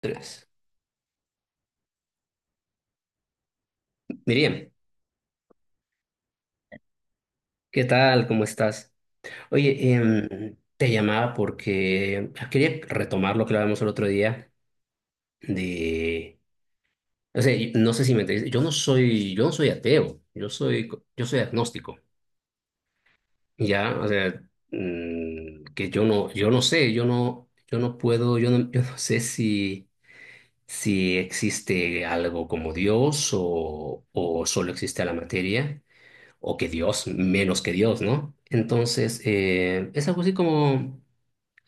Tres. Miriam, ¿qué tal? ¿Cómo estás? Oye, te llamaba porque quería retomar lo que hablábamos el otro día de, o sea, no sé si me entendiste, yo no soy ateo, yo soy, yo soy agnóstico, ya, o sea, que yo no sé, yo no puedo, yo no sé si, si existe algo como Dios o solo existe la materia. O que Dios, menos que Dios, ¿no? Entonces, es algo así como,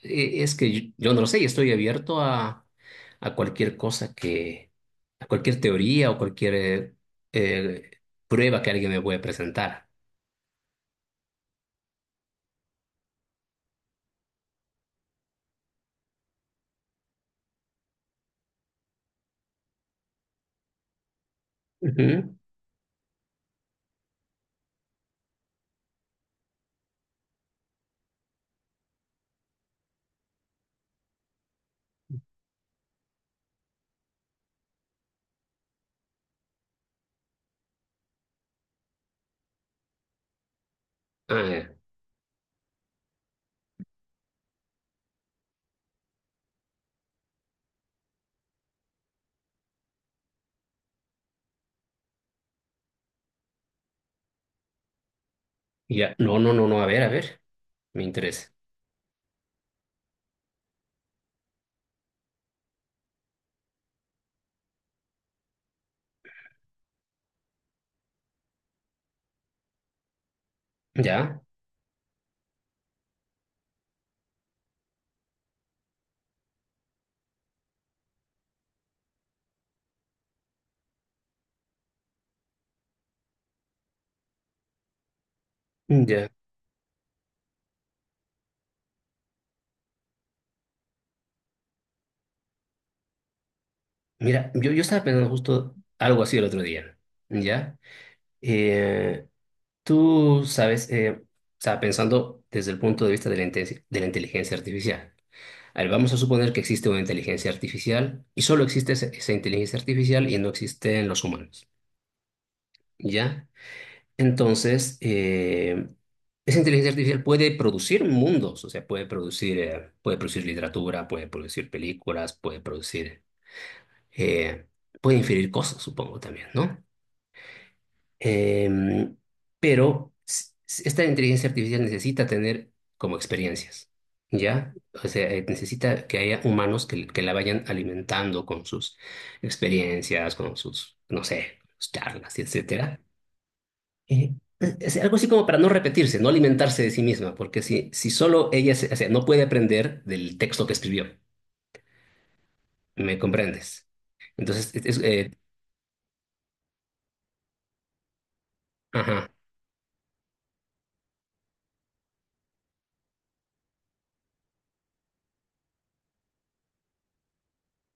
es que yo no lo sé y estoy abierto a cualquier cosa que, a cualquier teoría o cualquier eh, prueba que alguien me pueda presentar. Ujú. Ah, ya, no, no, no, no, a ver, me interesa. Ya, ya. Mira, yo estaba pensando justo algo así el otro día, ¿ya? Eh, Tú sabes, o sea, pensando desde el punto de vista de de la inteligencia artificial. A ver, vamos a suponer que existe una inteligencia artificial y solo existe esa inteligencia artificial y no existen los humanos, ¿ya? Entonces, esa inteligencia artificial puede producir mundos, o sea, puede producir literatura, puede producir películas, puede producir, eh, puede inferir cosas, supongo también, ¿no? Em, pero esta inteligencia artificial necesita tener como experiencias, ¿ya? O sea, necesita que haya humanos que la vayan alimentando con sus experiencias, con sus, no sé, sus charlas, etcétera. Eh, es algo así como para no repetirse, no alimentarse de sí misma, porque si, si solo ella, o sea, no puede aprender del texto que escribió, ¿me comprendes? Entonces, ajá.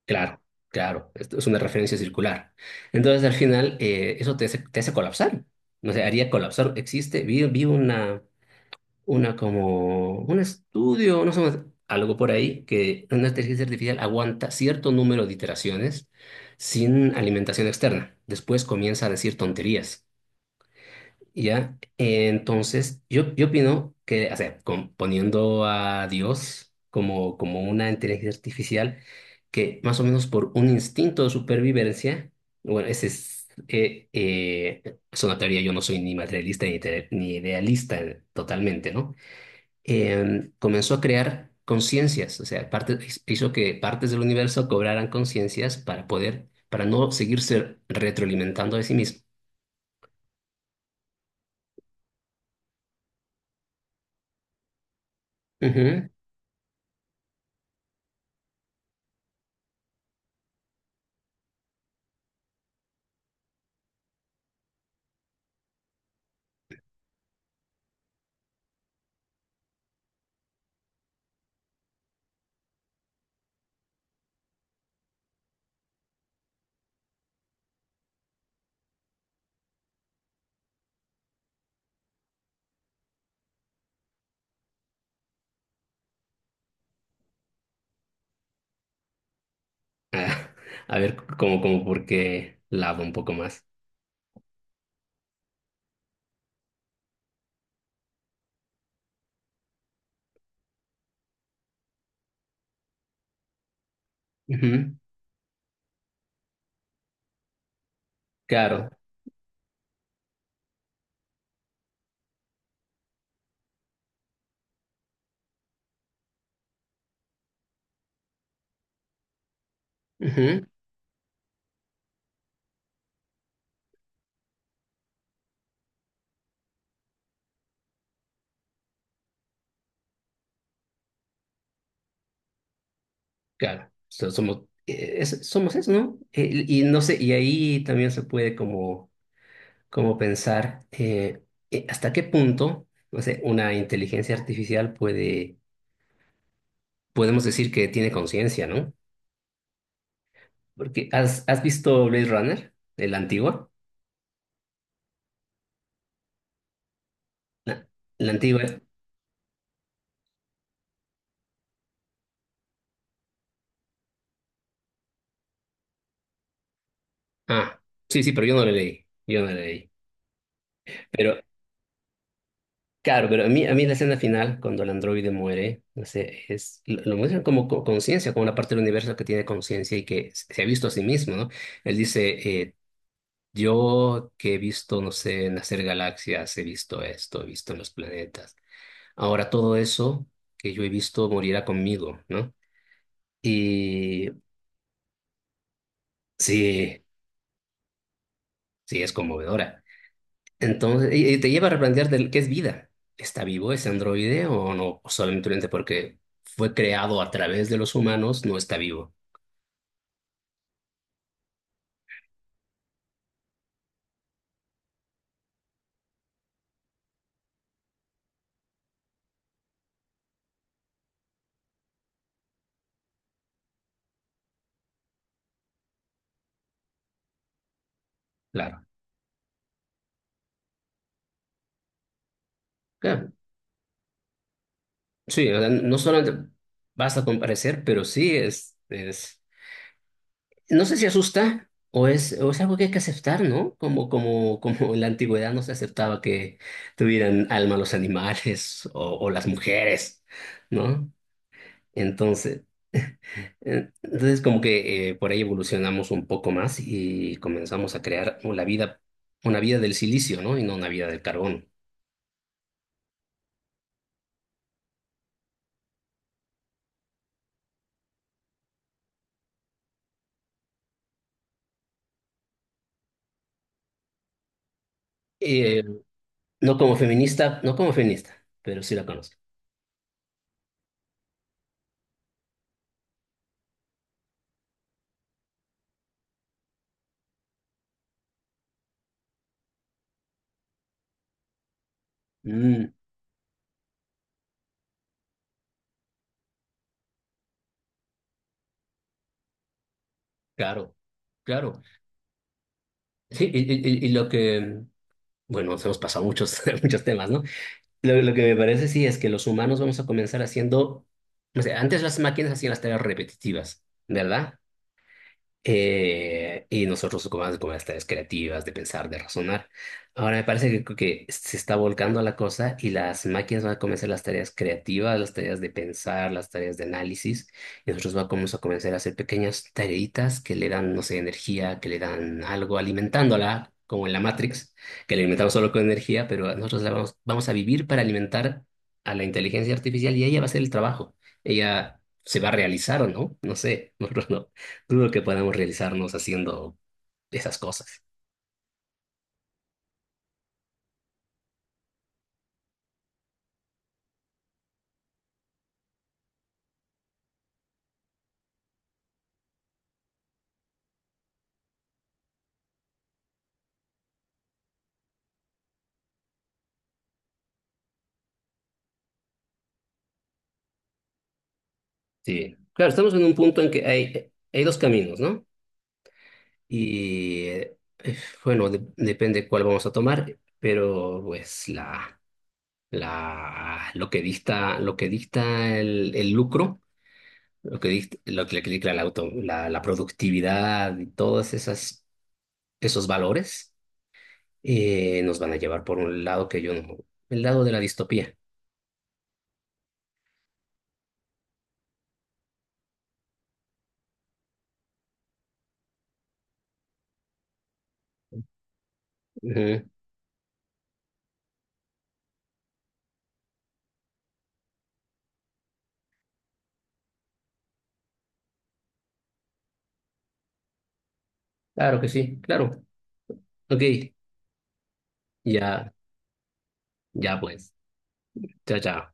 Claro, claro, esto es una referencia circular. Entonces, al final, eso te hace colapsar. No sé, haría colapsar. Existe, vi una como, un estudio, no sé, algo por ahí, que una inteligencia artificial aguanta cierto número de iteraciones sin alimentación externa. Después comienza a decir tonterías. Ya, entonces, yo opino que, o sea, poniendo a Dios como, como una inteligencia artificial, que más o menos por un instinto de supervivencia, bueno, ese es una teoría, yo no soy ni materialista ni, ni idealista totalmente, ¿no? Comenzó a crear conciencias, o sea, hizo que partes del universo cobraran conciencias para poder, para no seguirse retroalimentando de sí mismo. Ah, a ver, como, como porque lado un poco más. Ujú, claro, ujú, claro. Somos, somos eso, ¿no? Y no sé, y ahí también se puede como, como pensar hasta qué punto, no sé, una inteligencia artificial puede, podemos decir que tiene conciencia, ¿no? Porque ¿has, has visto Blade Runner, el antigua? La, la antigua. Ah, sí, sí, pero yo no la leí, yo no la leí. Claro, pero a mí la escena final, cuando el androide muere, no sé, es, lo muestran como conciencia, como una parte del universo que tiene conciencia y que se ha visto a sí mismo, ¿no? Él dice, yo que he visto, no sé, nacer galaxias, he visto esto, he visto los planetas. Ahora todo eso que yo he visto morirá conmigo, ¿no? Y sí, sí, es conmovedora. Entonces, y te lleva a replantear qué es vida. ¿Está vivo ese androide o no? O solamente porque fue creado a través de los humanos, no está vivo. Claro. Claro. Sí, o sea, no solamente basta con parecer, pero sí es... No sé si asusta o es algo que hay que aceptar, ¿no? Como, como, como en la antigüedad no se aceptaba que tuvieran alma los animales o las mujeres, ¿no? Entonces. Entonces, como que por ahí evolucionamos un poco más y comenzamos a crear la vida, una vida del silicio, ¿no? Y no una vida del carbón. Eh, no como feminista, no como feminista, pero sí la conozco. Mm, claro, claro. Sí, y lo que, bueno, nos hemos pasado muchos, muchos temas, ¿no? Lo que me parece sí es que los humanos vamos a comenzar haciendo, no sé, antes las máquinas hacían las tareas repetitivas, ¿verdad? Y nosotros ocupamos como las tareas creativas, de pensar, de razonar. Ahora me parece que se está volcando la cosa y las máquinas van a comenzar las tareas creativas, las tareas de pensar, las tareas de análisis, y nosotros vamos a comenzar a hacer pequeñas tareitas que le dan, no sé, energía, que le dan algo, alimentándola, como en la Matrix, que la alimentamos solo con energía, pero nosotros la vamos, vamos a vivir para alimentar a la inteligencia artificial y ella va a hacer el trabajo. Ella se va a realizar o no, no sé, nosotros no dudo que podamos realizarnos haciendo esas cosas. Sí. Claro, estamos en un punto en que hay dos caminos, ¿no? Y bueno, depende cuál vamos a tomar, pero pues la, lo que dicta el lucro, lo que dicta la, la productividad y todos esas, esos valores nos van a llevar por un lado que yo no, el lado de la distopía. Ujú. Claro que sí, claro. Ok, ya. Ya pues. Chao, chao.